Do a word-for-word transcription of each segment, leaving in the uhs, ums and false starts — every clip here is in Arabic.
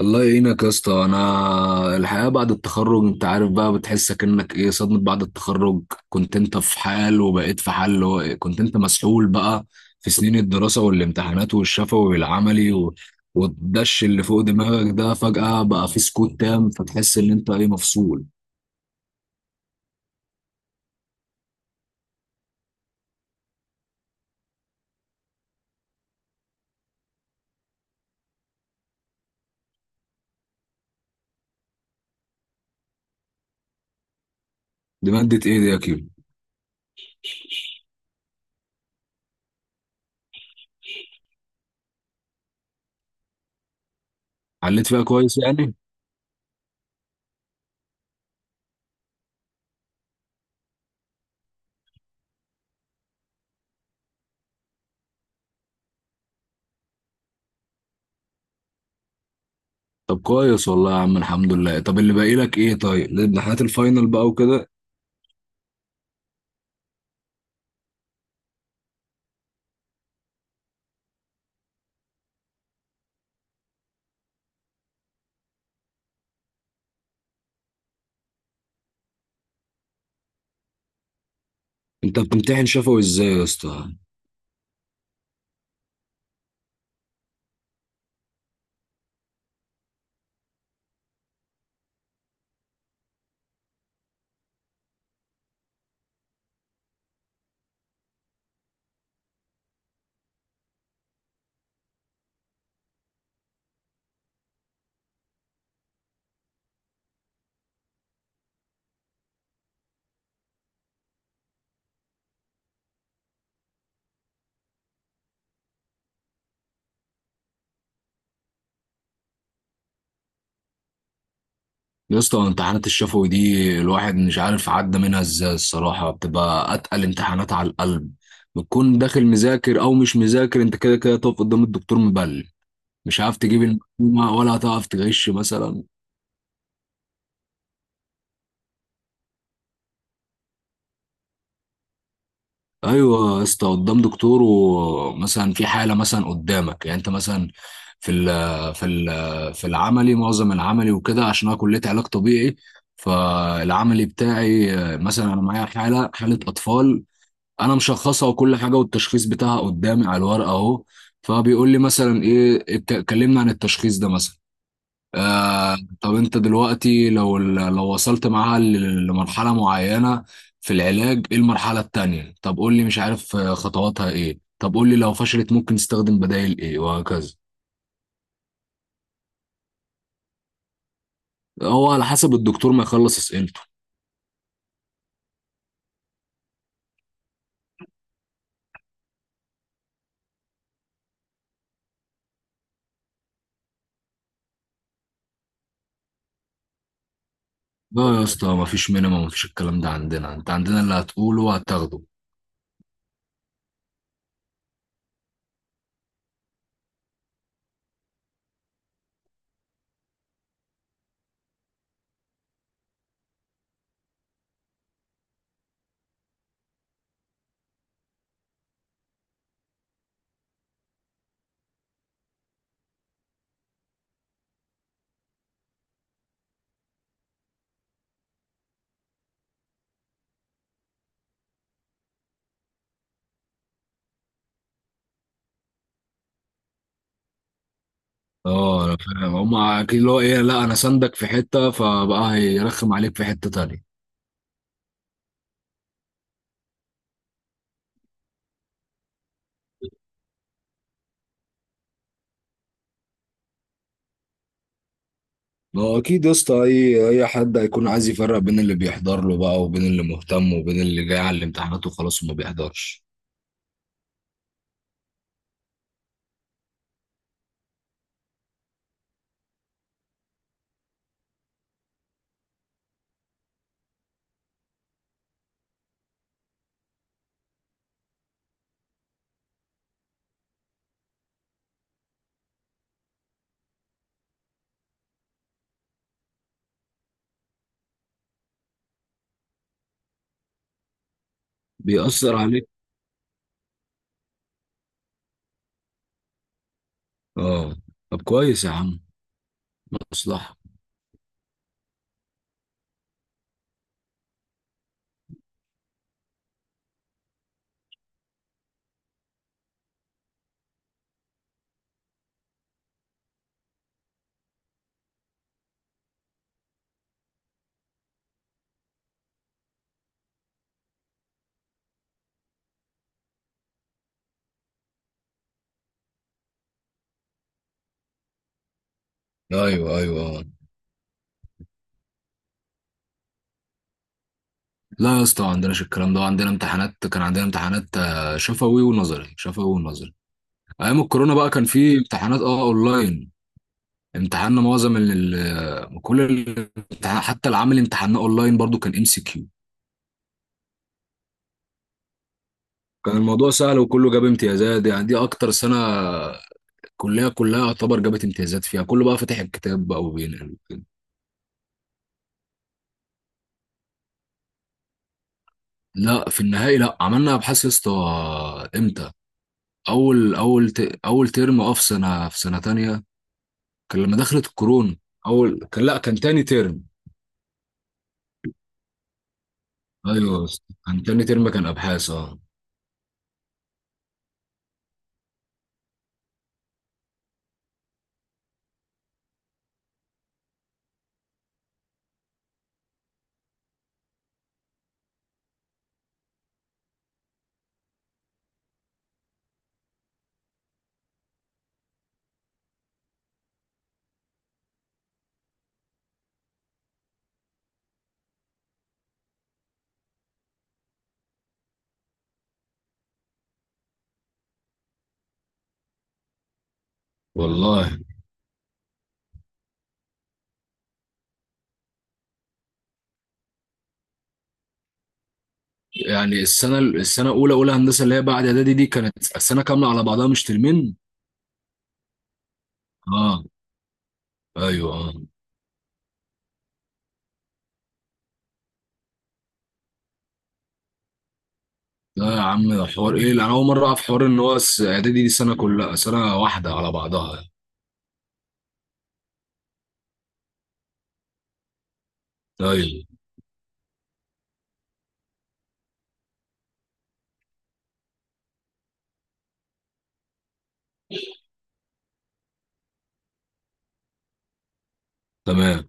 الله يعينك يا اسطى. انا الحياه بعد التخرج، انت عارف بقى، بتحس كأنك ايه؟ صدمه بعد التخرج. كنت انت في حال وبقيت في حال، اللي هو إيه، كنت انت مسحول بقى في سنين الدراسه والامتحانات والشفوي والعملي و... والدش اللي فوق دماغك ده فجأة بقى في سكوت تام، فتحس ان انت ايه، مفصول. دي مادة ايه دي يا كيلو؟ حليت فيها كويس يعني؟ طب كويس والله يا عم، الحمد لله. طب اللي باقي لك ايه؟ طيب الامتحانات الفاينل بقى وكده. انت بتمتحن شفوي ازاي يا اسطى؟ يا اسطى، امتحانات الشفوي دي الواحد مش عارف عدى منها ازاي، الصراحة بتبقى أتقل امتحانات على القلب. بتكون داخل مذاكر أو مش مذاكر، أنت كده كده تقف قدام الدكتور مبلم، مش عارف تجيب المعلومة، ولا هتعرف تغش مثلا. أيوة يا اسطى، قدام دكتور. ومثلا في حالة، مثلا قدامك، يعني أنت مثلا في ال في ال في العملي، معظم العملي وكده، عشان أنا كلية علاج طبيعي. فالعملي بتاعي آه، مثلا أنا معايا حالة حالة أطفال، انا مشخصها وكل حاجه، والتشخيص بتاعها قدامي على الورقه اهو. فبيقول لي مثلا ايه، ات- كلمنا عن التشخيص ده مثلا. آه. طب انت دلوقتي لو ال- لو وصلت معاها ل- لمرحله معينه في العلاج، ايه المرحله التانيه؟ طب قول لي مش عارف آه، خطواتها ايه. طب قول لي لو فشلت ممكن نستخدم بدائل ايه وهكذا. هو على حسب الدكتور ما يخلص اسئلته. لا يا اسطى، مفيش مينيمم، مفيش الكلام ده عندنا. انت عندنا اللي هتقوله هتاخده. اه، انا فاهم. هما اكيد اللي هو ايه، لا انا ساندك في حته فبقى هيرخم عليك في حته تانية. ما هو اكيد يا اسطى، اي اي حد هيكون عايز يفرق بين اللي بيحضر له بقى، وبين اللي مهتم، وبين اللي جاي على الامتحانات وخلاص وما بيحضرش. بيأثر عليك؟ اه، طب كويس يا عم. مصلحه. ايوه، ايوه. لا يا اسطى، ما عندناش الكلام ده عندنا. امتحانات كان عندنا، امتحانات آه، شفوي ونظري، شفوي ونظري. ايام الكورونا بقى كان في امتحانات اه اونلاين. امتحاننا معظم ال ال- كل الامتحان حتى العمل امتحاننا اونلاين، برضو كان ام سي كيو. كان الموضوع سهل وكله جاب امتيازات، يعني دي اكتر سنه الكليه كلها يعتبر جابت امتيازات فيها، كله بقى فاتح الكتاب بقى وبينقل وكده. لا، في النهائي لا، عملنا ابحاث يا اسطى. امتى؟ اول اول ت- اول ترم، اه، في سنه في سنه تانية. كان لما دخلت الكورونا. اول كان، لا كان تاني ترم. ايوه يا اسطى. كان تاني ترم، كان ابحاث، اه. والله، يعني السنه السنه الاولى، اولى هندسه اللي هي بعد اعدادي، دي كانت السنه كامله على بعضها مش ترمين. اه. ايوه، اه. لا يا عم، ده حوار ايه؟ انا اول مره اعرف حوار ان هو الس- اعدادي دي سنه كلها، سنه واحده على بعضها. ايوه. تمام.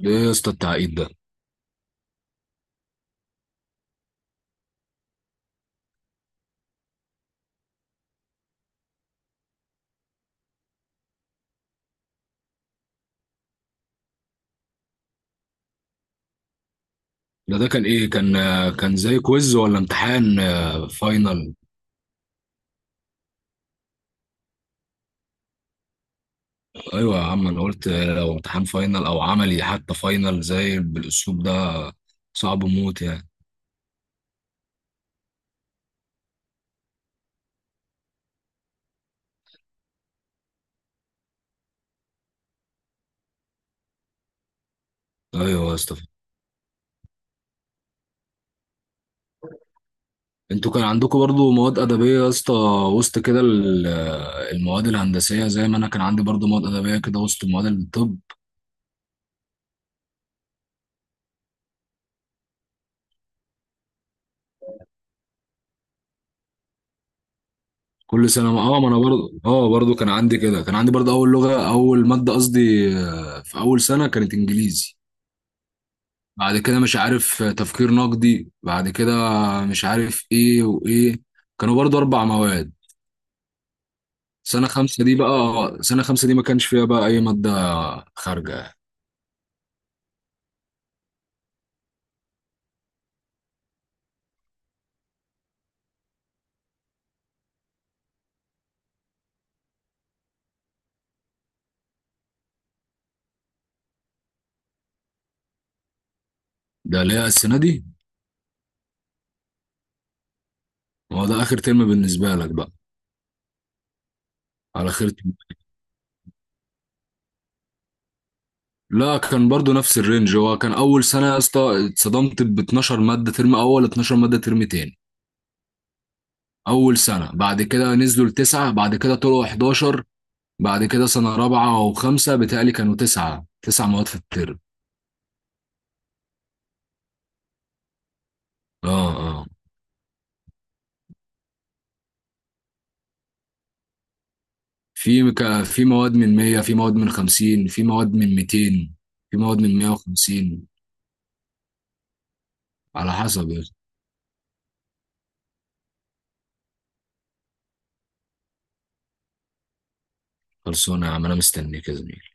ده ايه يا اسطى التعقيد ده؟ ده ده كان ايه، كان آه، كان زي كويز ولا امتحان آه، فاينل؟ ايوه يا عم، انا قلت لو امتحان فاينل او عملي، حتى فاينل زي بالاسلوب ده، صعب موت يعني. ايوه يا اسطى. انتوا كان عندكم برضو مواد ادبيه يا اسطى وسط كده ال- المواد الهندسيه، زي ما انا كان عندي برضو مواد ادبيه كده وسط مواد الطب. كل سنه، ما اه ما انا برضو، اه برضو كان عندي كده كان عندي برضو اول لغه، اول ماده قصدي، آه، في اول سنه كانت انجليزي. بعد كده مش عارف، آه، تفكير نقدي، بعد كده مش عارف ايه وايه، كانوا برضو اربع مواد. سنه خمسه دي بقى آه، سنه خمسه دي ما كانش فيها بقى اي ماده خارجه. ده ليه السنه دي؟ هو ده اخر ترم بالنسبه لك بقى؟ على خير. لا، كان برضو نفس الرينج. هو كان اول سنه يا اسطى، اتصدمت ب اتناشر ماده ترم اول، اتناشر ماده ترم تاني. اول سنه. بعد كده نزلوا لتسعه، بعد كده طلعوا حداشر. بعد كده سنه رابعه وخمسه بتهيألي كانوا تسعه، تسع مواد في الترم. اه، اه. في ك- في مواد من مية، في مواد من خمسين، في مواد من ميتين، في مواد من مئة وخمسين. على حسب يا أخي. خلصونا يا عم، انا مستنيك يا زميلي.